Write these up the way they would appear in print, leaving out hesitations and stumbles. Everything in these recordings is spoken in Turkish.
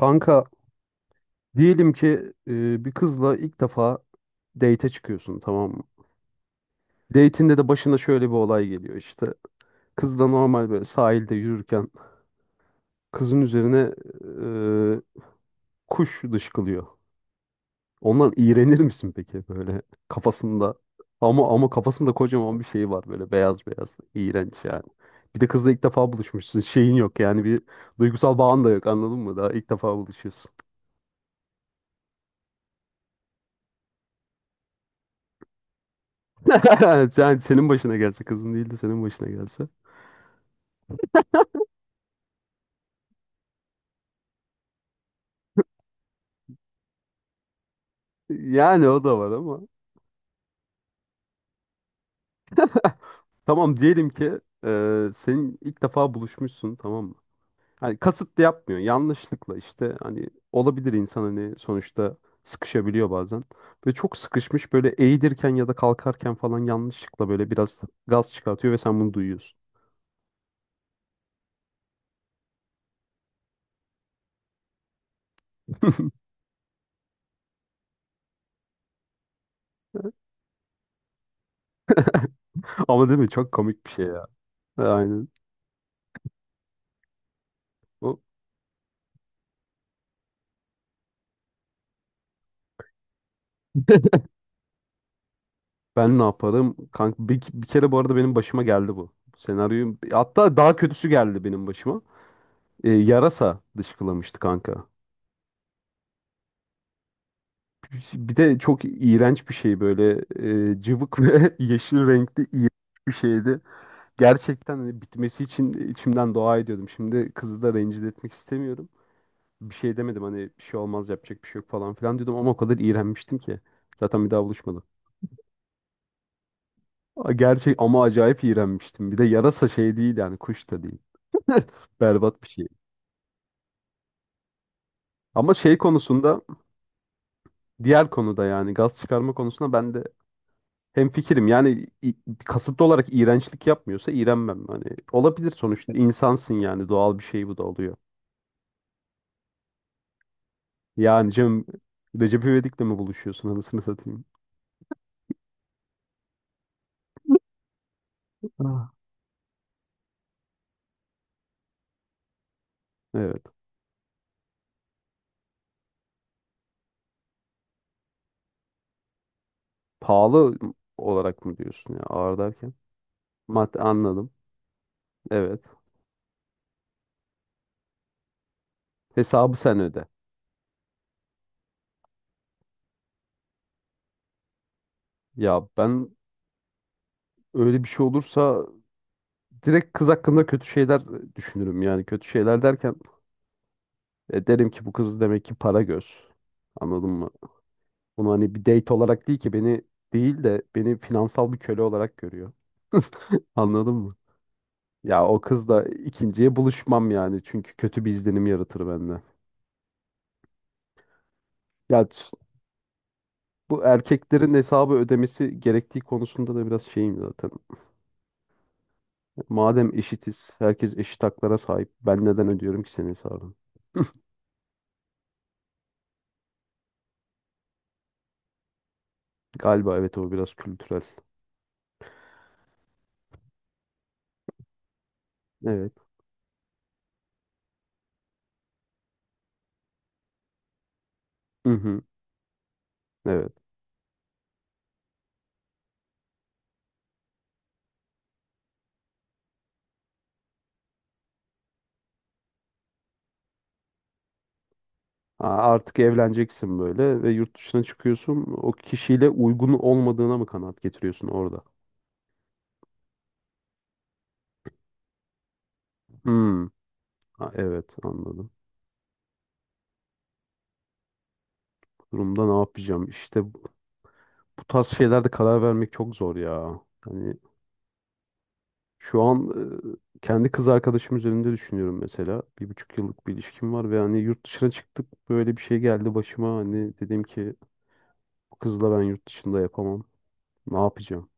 Kanka diyelim ki bir kızla ilk defa date'e çıkıyorsun tamam mı? Date'inde de başına şöyle bir olay geliyor işte. Kız da normal böyle sahilde yürürken kızın üzerine e, kuş dışkılıyor. Ondan iğrenir misin peki böyle kafasında? Ama kafasında kocaman bir şey var böyle beyaz beyaz iğrenç yani. Bir de kızla ilk defa buluşmuşsun. Şeyin yok yani bir duygusal bağın da yok anladın mı? Daha ilk defa buluşuyorsun. Yani senin başına gelse kızın değil de senin başına gelse. Yani o da var ama. Tamam diyelim ki senin ilk defa buluşmuşsun tamam mı? Hani kasıtlı yapmıyor. Yanlışlıkla işte hani olabilir insan hani sonuçta sıkışabiliyor bazen. Ve çok sıkışmış böyle eğilirken ya da kalkarken falan yanlışlıkla böyle biraz gaz çıkartıyor ve sen bunu duyuyorsun. Ama değil mi? Çok komik bir şey ya. Aynen. O- Ben ne yaparım? Kanka bir kere bu arada benim başıma geldi bu. Senaryoyu hatta daha kötüsü geldi benim başıma. Yarasa dışkılamıştı kanka. Bir de çok iğrenç bir şey böyle cıvık ve yeşil renkli iğrenç bir şeydi. Gerçekten hani bitmesi için içimden dua ediyordum. Şimdi kızı da rencide etmek istemiyorum. Bir şey demedim hani bir şey olmaz yapacak bir şey yok falan filan diyordum ama o kadar iğrenmiştim ki. Zaten bir daha buluşmadım. Gerçek ama acayip iğrenmiştim. Bir de yarasa şey değil yani kuş da değil. Berbat bir şey. Ama şey konusunda diğer konuda yani gaz çıkarma konusunda ben de hemfikirim yani kasıtlı olarak iğrençlik yapmıyorsa iğrenmem. Hani olabilir sonuçta insansın yani doğal bir şey bu da oluyor. Yani canım Recep İvedik'le mi buluşuyorsun anasını satayım? Ah. Evet. Pahalı olarak mı diyorsun ya ağır derken? Madde anladım. Evet. Hesabı sen öde. Ya ben öyle bir şey olursa direkt kız hakkında kötü şeyler düşünürüm yani kötü şeyler derken derim ki bu kız demek ki para göz. Anladın mı? Bunu hani bir date olarak değil ki beni değil de beni finansal bir köle olarak görüyor. Anladın mı? Ya o kızla ikinciye buluşmam yani çünkü kötü bir izlenim yaratır bende. Ya s- Bu erkeklerin hesabı ödemesi gerektiği konusunda da biraz şeyim zaten. Madem eşitiz, herkes eşit haklara sahip. Ben neden ödüyorum ki senin hesabını? Galiba evet o biraz kültürel. Evet. Hı hı. Evet. Ha, artık evleneceksin böyle ve yurt dışına çıkıyorsun. O kişiyle uygun olmadığına mı kanaat getiriyorsun orada? Hmm, ha, evet anladım. Bu durumda ne yapacağım? İşte bu tarz şeylerde karar vermek çok zor ya. Hani şu an kendi kız arkadaşım üzerinde düşünüyorum mesela. Bir buçuk yıllık bir ilişkim var ve hani yurt dışına çıktık böyle bir şey geldi başıma. Hani dedim ki bu kızla ben yurt dışında yapamam. Ne yapacağım?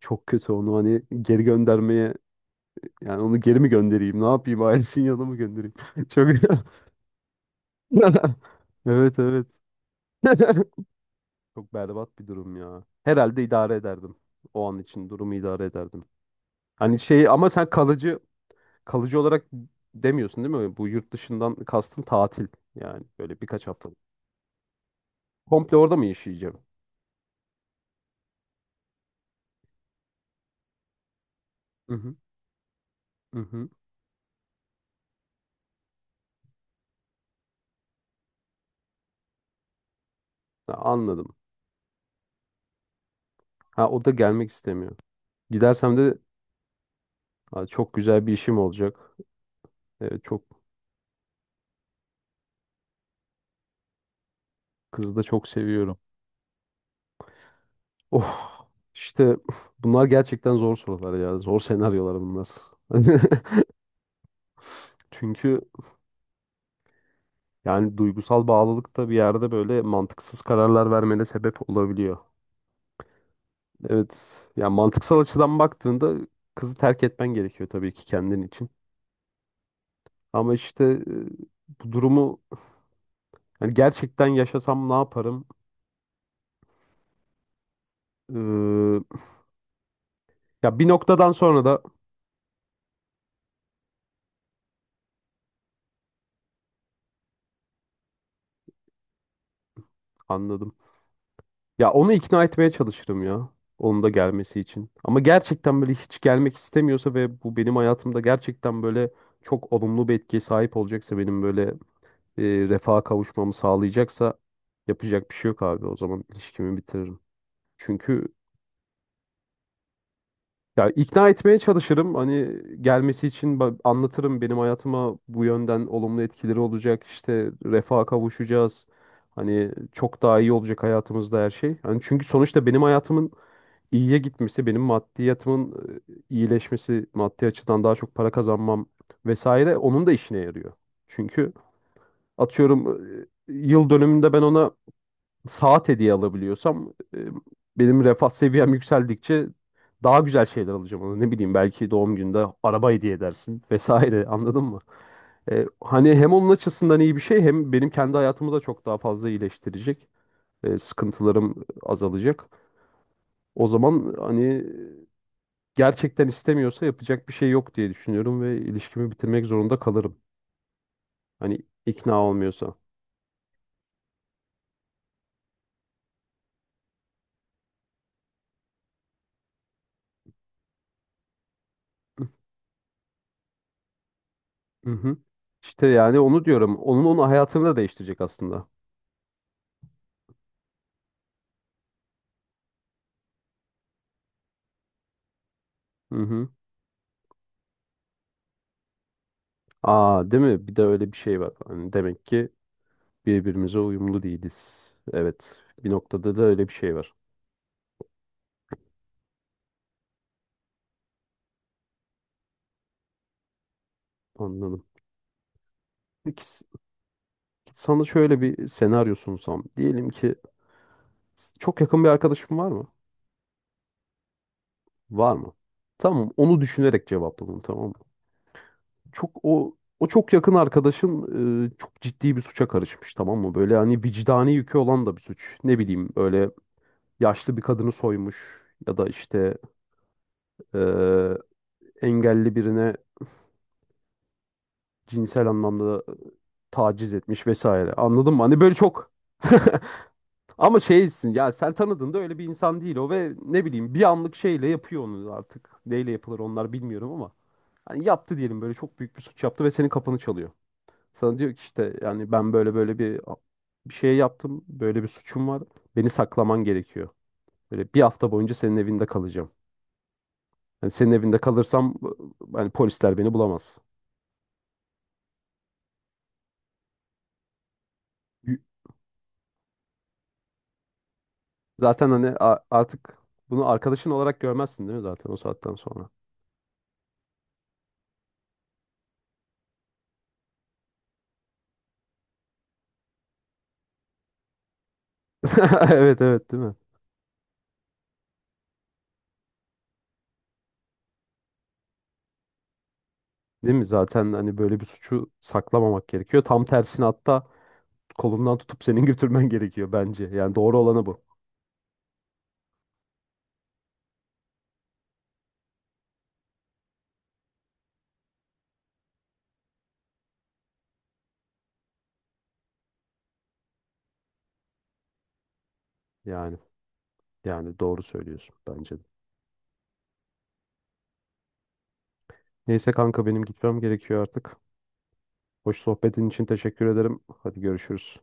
Çok kötü onu hani geri göndermeye yani onu geri mi göndereyim? Ne yapayım? Ailesinin yanına mı göndereyim? Çok evet evet. Çok berbat bir durum ya. Herhalde idare ederdim. O an için durumu idare ederdim. Hani şey ama sen kalıcı olarak demiyorsun değil mi? Bu yurt dışından kastın tatil. Yani böyle birkaç haftalık. Komple orada mı yaşayacağım? Hı hı. Hı hı. Ha, anladım. Ha o da gelmek istemiyor. Gidersem de "Ha, çok güzel bir işim olacak. Evet, çok kızı da çok seviyorum. Oh işte bunlar gerçekten zor sorular ya. Zor senaryolar bunlar. Çünkü yani duygusal bağlılık da bir yerde böyle mantıksız kararlar vermene sebep olabiliyor. Evet. Yani mantıksal açıdan baktığında kızı terk etmen gerekiyor tabii ki kendin için. Ama işte bu durumu yani gerçekten yaşasam ne yaparım? Ee, Ya bir noktadan sonra da anladım. Ya onu ikna etmeye çalışırım ya. Onun da gelmesi için. Ama gerçekten böyle hiç gelmek istemiyorsa ve bu benim hayatımda gerçekten böyle çok olumlu bir etkiye sahip olacaksa benim böyle e, refaha kavuşmamı sağlayacaksa yapacak bir şey yok abi. O zaman ilişkimi bitiririm. Çünkü ya ikna etmeye çalışırım. Hani gelmesi için anlatırım benim hayatıma bu yönden olumlu etkileri olacak. İşte refaha kavuşacağız. Hani çok daha iyi olacak hayatımızda her şey. Hani çünkü sonuçta benim hayatımın iyiye gitmesi, benim maddiyatımın iyileşmesi, maddi açıdan daha çok para kazanmam vesaire onun da işine yarıyor. Çünkü atıyorum yıl dönümünde ben ona saat hediye alabiliyorsam benim refah seviyem yükseldikçe daha güzel şeyler alacağım ona. Ne bileyim belki doğum gününde araba hediye edersin vesaire anladın mı? Hani hem onun açısından iyi bir şey hem benim kendi hayatımı da çok daha fazla iyileştirecek. Sıkıntılarım azalacak. O zaman hani gerçekten istemiyorsa yapacak bir şey yok diye düşünüyorum ve ilişkimi bitirmek zorunda kalırım. Hani ikna olmuyorsa. Hı hı. İşte yani onu diyorum. Onun hayatını da değiştirecek aslında. Hı hı. Aa, değil mi? Bir de öyle bir şey var. Hani demek ki birbirimize uyumlu değiliz. Evet. Bir noktada da öyle bir şey var. Anladım. Peki s- Sana şöyle bir senaryo sunsam. Diyelim ki çok yakın bir arkadaşın var mı? Var mı? Tamam, onu düşünerek cevapla bunu, tamam mı? Çok o çok yakın arkadaşın çok ciddi bir suça karışmış, tamam mı? Böyle hani vicdani yükü olan da bir suç. Ne bileyim böyle yaşlı bir kadını soymuş ya da işte e, engelli birine cinsel anlamda taciz etmiş vesaire. Anladın mı? Hani böyle çok ama şeysin ya sen tanıdığında öyle bir insan değil o ve ne bileyim bir anlık şeyle yapıyor onu artık. Neyle yapılır onlar bilmiyorum ama hani yaptı diyelim böyle çok büyük bir suç yaptı ve senin kapını çalıyor. Sana diyor ki işte yani ben böyle bir şey yaptım. Böyle bir suçum var. Beni saklaman gerekiyor. Böyle bir hafta boyunca senin evinde kalacağım. Yani senin evinde kalırsam hani polisler beni bulamaz. Zaten hani artık bunu arkadaşın olarak görmezsin değil mi zaten o saatten sonra? Evet evet değil mi? Değil mi? Zaten hani böyle bir suçu saklamamak gerekiyor. Tam tersine hatta kolundan tutup senin götürmen gerekiyor bence. Yani doğru olanı bu. Yani doğru söylüyorsun bence de. Neyse kanka benim gitmem gerekiyor artık. Hoş sohbetin için teşekkür ederim. Hadi görüşürüz.